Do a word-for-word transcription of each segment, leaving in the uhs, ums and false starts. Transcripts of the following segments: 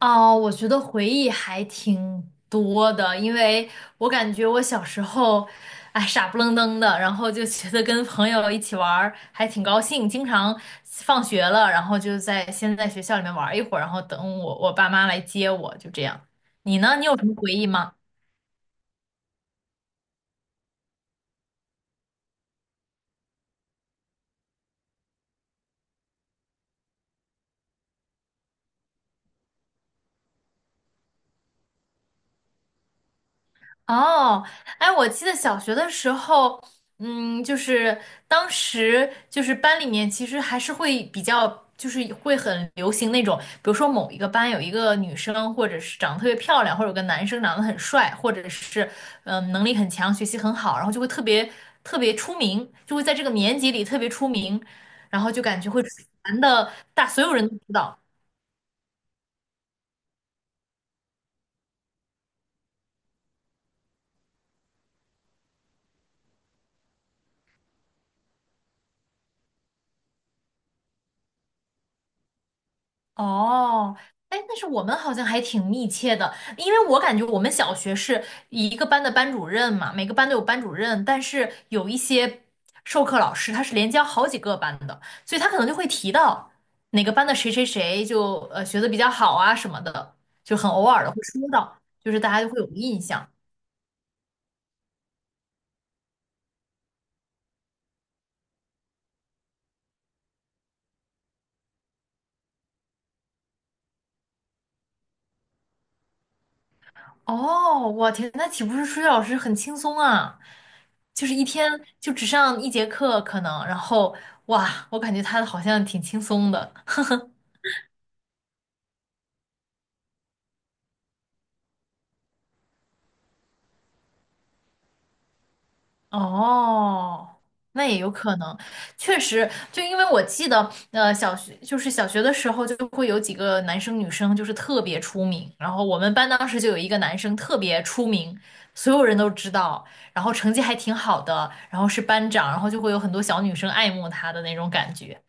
哦，我觉得回忆还挺多的，因为我感觉我小时候，哎，傻不愣登的，然后就觉得跟朋友一起玩儿还挺高兴，经常放学了，然后就在先在学校里面玩儿一会儿，然后等我我爸妈来接我，就这样。你呢？你有什么回忆吗？哦，哎，我记得小学的时候，嗯，就是当时就是班里面其实还是会比较，就是会很流行那种，比如说某一个班有一个女生，或者是长得特别漂亮，或者有个男生长得很帅，或者是嗯、呃能力很强，学习很好，然后就会特别特别出名，就会在这个年级里特别出名，然后就感觉会传的大，所有人都知道。哦，哎，但是我们好像还挺密切的，因为我感觉我们小学是一个班的班主任嘛，每个班都有班主任，但是有一些授课老师他是连教好几个班的，所以他可能就会提到哪个班的谁谁谁就呃学的比较好啊什么的，就很偶尔的会说到，就是大家就会有印象。哦，我天，那岂不是数学老师很轻松啊？就是一天就只上一节课可能，然后哇，我感觉他好像挺轻松的。哦，那也有可能，确实，就因为我记得，呃，小学就是小学的时候就会有几个男生女生就是特别出名，然后我们班当时就有一个男生特别出名，所有人都知道，然后成绩还挺好的，然后是班长，然后就会有很多小女生爱慕他的那种感觉。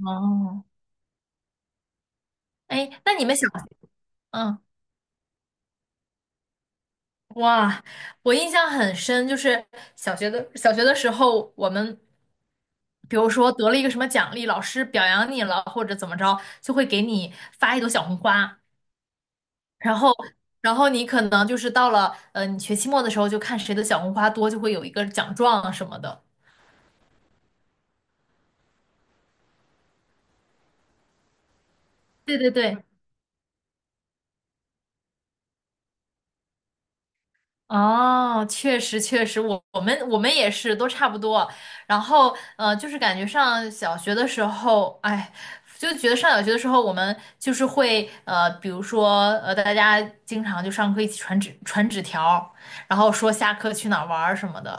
哦，哎，那你们小，嗯，哇，我印象很深，就是小学的小学的时候，我们比如说得了一个什么奖励，老师表扬你了，或者怎么着，就会给你发一朵小红花，然后，然后你可能就是到了呃你学期末的时候，就看谁的小红花多，就会有一个奖状啊什么的。对对对，哦，确实确实，我我们我们也是都差不多。然后呃，就是感觉上小学的时候，哎，就觉得上小学的时候，我们就是会呃，比如说呃，大家经常就上课一起传纸传纸条，然后说下课去哪儿玩儿什么的，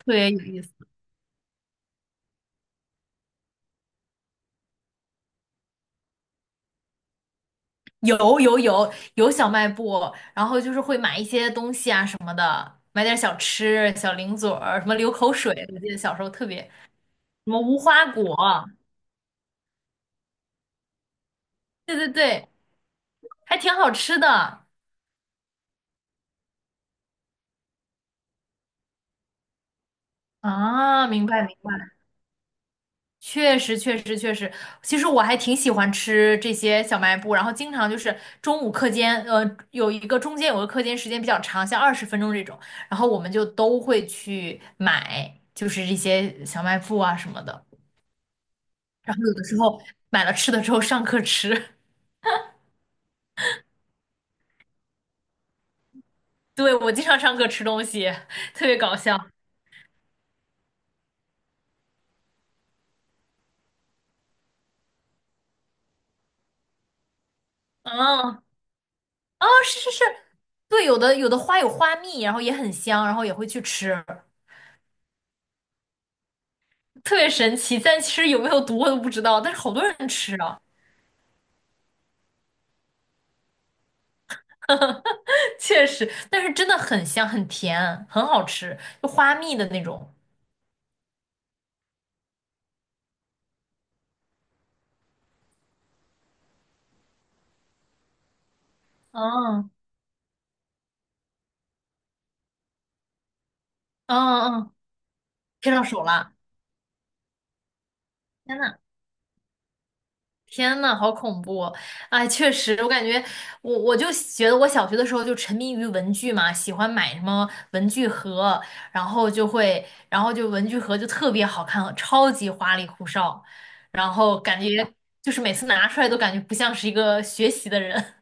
特别有意思。有有有有小卖部，然后就是会买一些东西啊什么的，买点小吃、小零嘴儿，什么流口水，我记得小时候特别，什么无花果，对对对。还挺好吃的啊，明白明白，确实确实确实，其实我还挺喜欢吃这些小卖部，然后经常就是中午课间，呃，有一个中间有个课间时间比较长，像二十分钟这种，然后我们就都会去买，就是这些小卖部啊什么的，然后有的时候买了吃的之后上课吃，对，我经常上课吃东西，特别搞笑，嗯，啊，是是是，对，有的有的花有花蜜，然后也很香，然后也会去吃。特别神奇，但其实有没有毒我都不知道，但是好多人吃啊，确实，但是真的很香，很甜，很好吃，就花蜜的那种。嗯嗯嗯，贴上手了，天呐！天呐，好恐怖哦！哎，确实，我感觉我我就觉得我小学的时候就沉迷于文具嘛，喜欢买什么文具盒，然后就会，然后就文具盒就特别好看，超级花里胡哨，然后感觉就是每次拿出来都感觉不像是一个学习的人。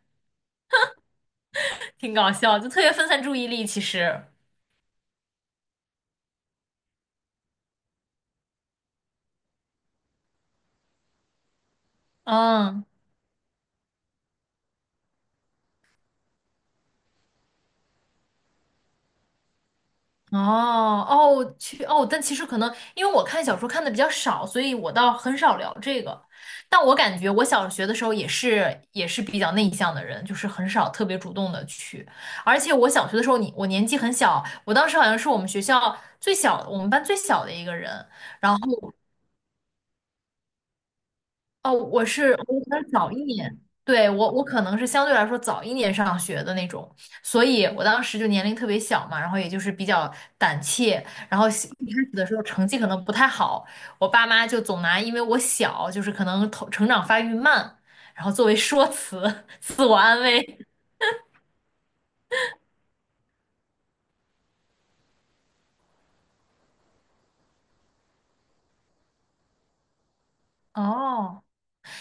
挺搞笑，就特别分散注意力。其实，嗯，哦哦，去哦，但其实可能因为我看小说看的比较少，所以我倒很少聊这个。但我感觉我小学的时候也是也是比较内向的人，就是很少特别主动的去。而且我小学的时候你，我年纪很小，我当时好像是我们学校最小的我们班最小的一个人。然后哦，我是我可能早一年，对，我我可能是相对来说早一年上学的那种，所以我当时就年龄特别小嘛，然后也就是比较胆怯，然后小一开始的时候成绩可能不太好，我爸妈就总拿因为我小，就是可能头成长发育慢，然后作为说辞，自我安慰。哦，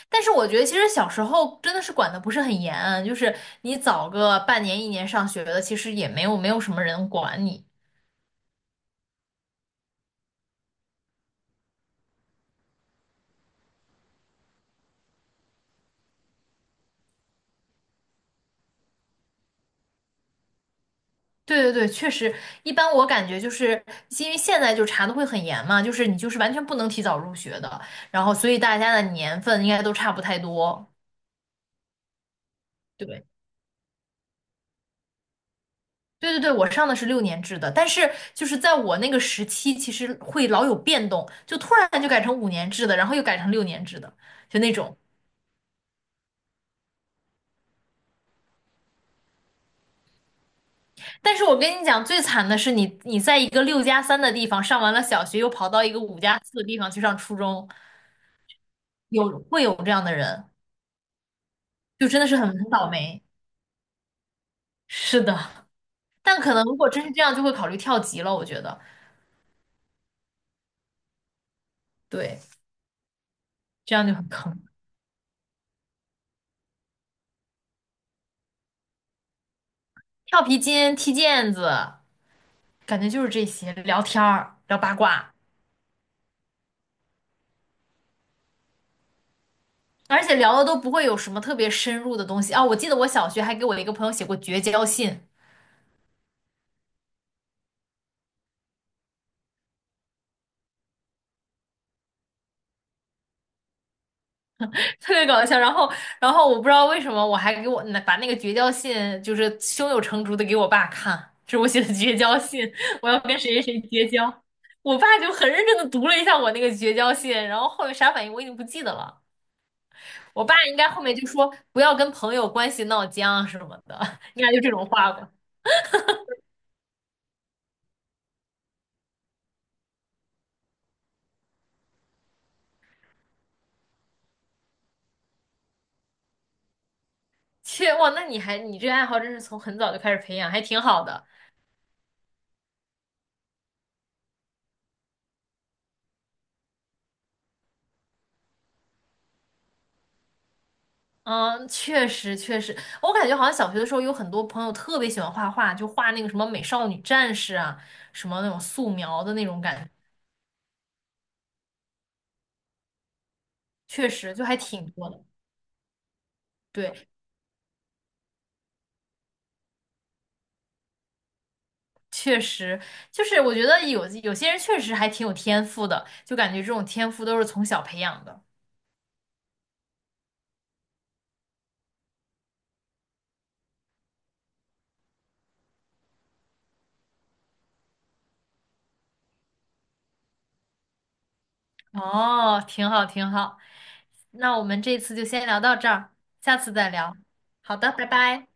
但是我觉得其实小时候真的是管的不是很严，就是你早个半年一年上学的，其实也没有没有什么人管你。对对对，确实，一般我感觉就是因为现在就查的会很严嘛，就是你就是完全不能提早入学的，然后所以大家的年份应该都差不太多。对对对对，我上的是六年制的，但是就是在我那个时期，其实会老有变动，就突然就改成五年制的，然后又改成六年制的，就那种。但是我跟你讲，最惨的是你你在一个六加三的地方上完了小学，又跑到一个五加四的地方去上初中，有，会有这样的人，就真的是很很倒霉。是的。但可能如果真是这样，就会考虑跳级了。我觉得，对，这样就很坑。跳皮筋、踢毽子，感觉就是这些，聊天儿、聊八卦，而且聊的都不会有什么特别深入的东西啊。我记得我小学还给我一个朋友写过绝交信，特别搞笑。然后，然后我不知道为什么，我还给我把那个绝交信就是胸有成竹的给我爸看，这是我写的绝交信，我要跟谁谁谁绝交。我爸就很认真的读了一下我那个绝交信，然后后面啥反应我已经不记得了。我爸应该后面就说不要跟朋友关系闹僵啊什么的，应该就这种话吧。切，哇，那你还你这爱好真是从很早就开始培养，还挺好的。嗯，确实确实，我感觉好像小学的时候有很多朋友特别喜欢画画，就画那个什么美少女战士啊，什么那种素描的那种感觉，确实就还挺多的。对，确实就是我觉得有有些人确实还挺有天赋的，就感觉这种天赋都是从小培养的。哦，挺好，挺好。那我们这次就先聊到这儿，下次再聊。好的，拜拜。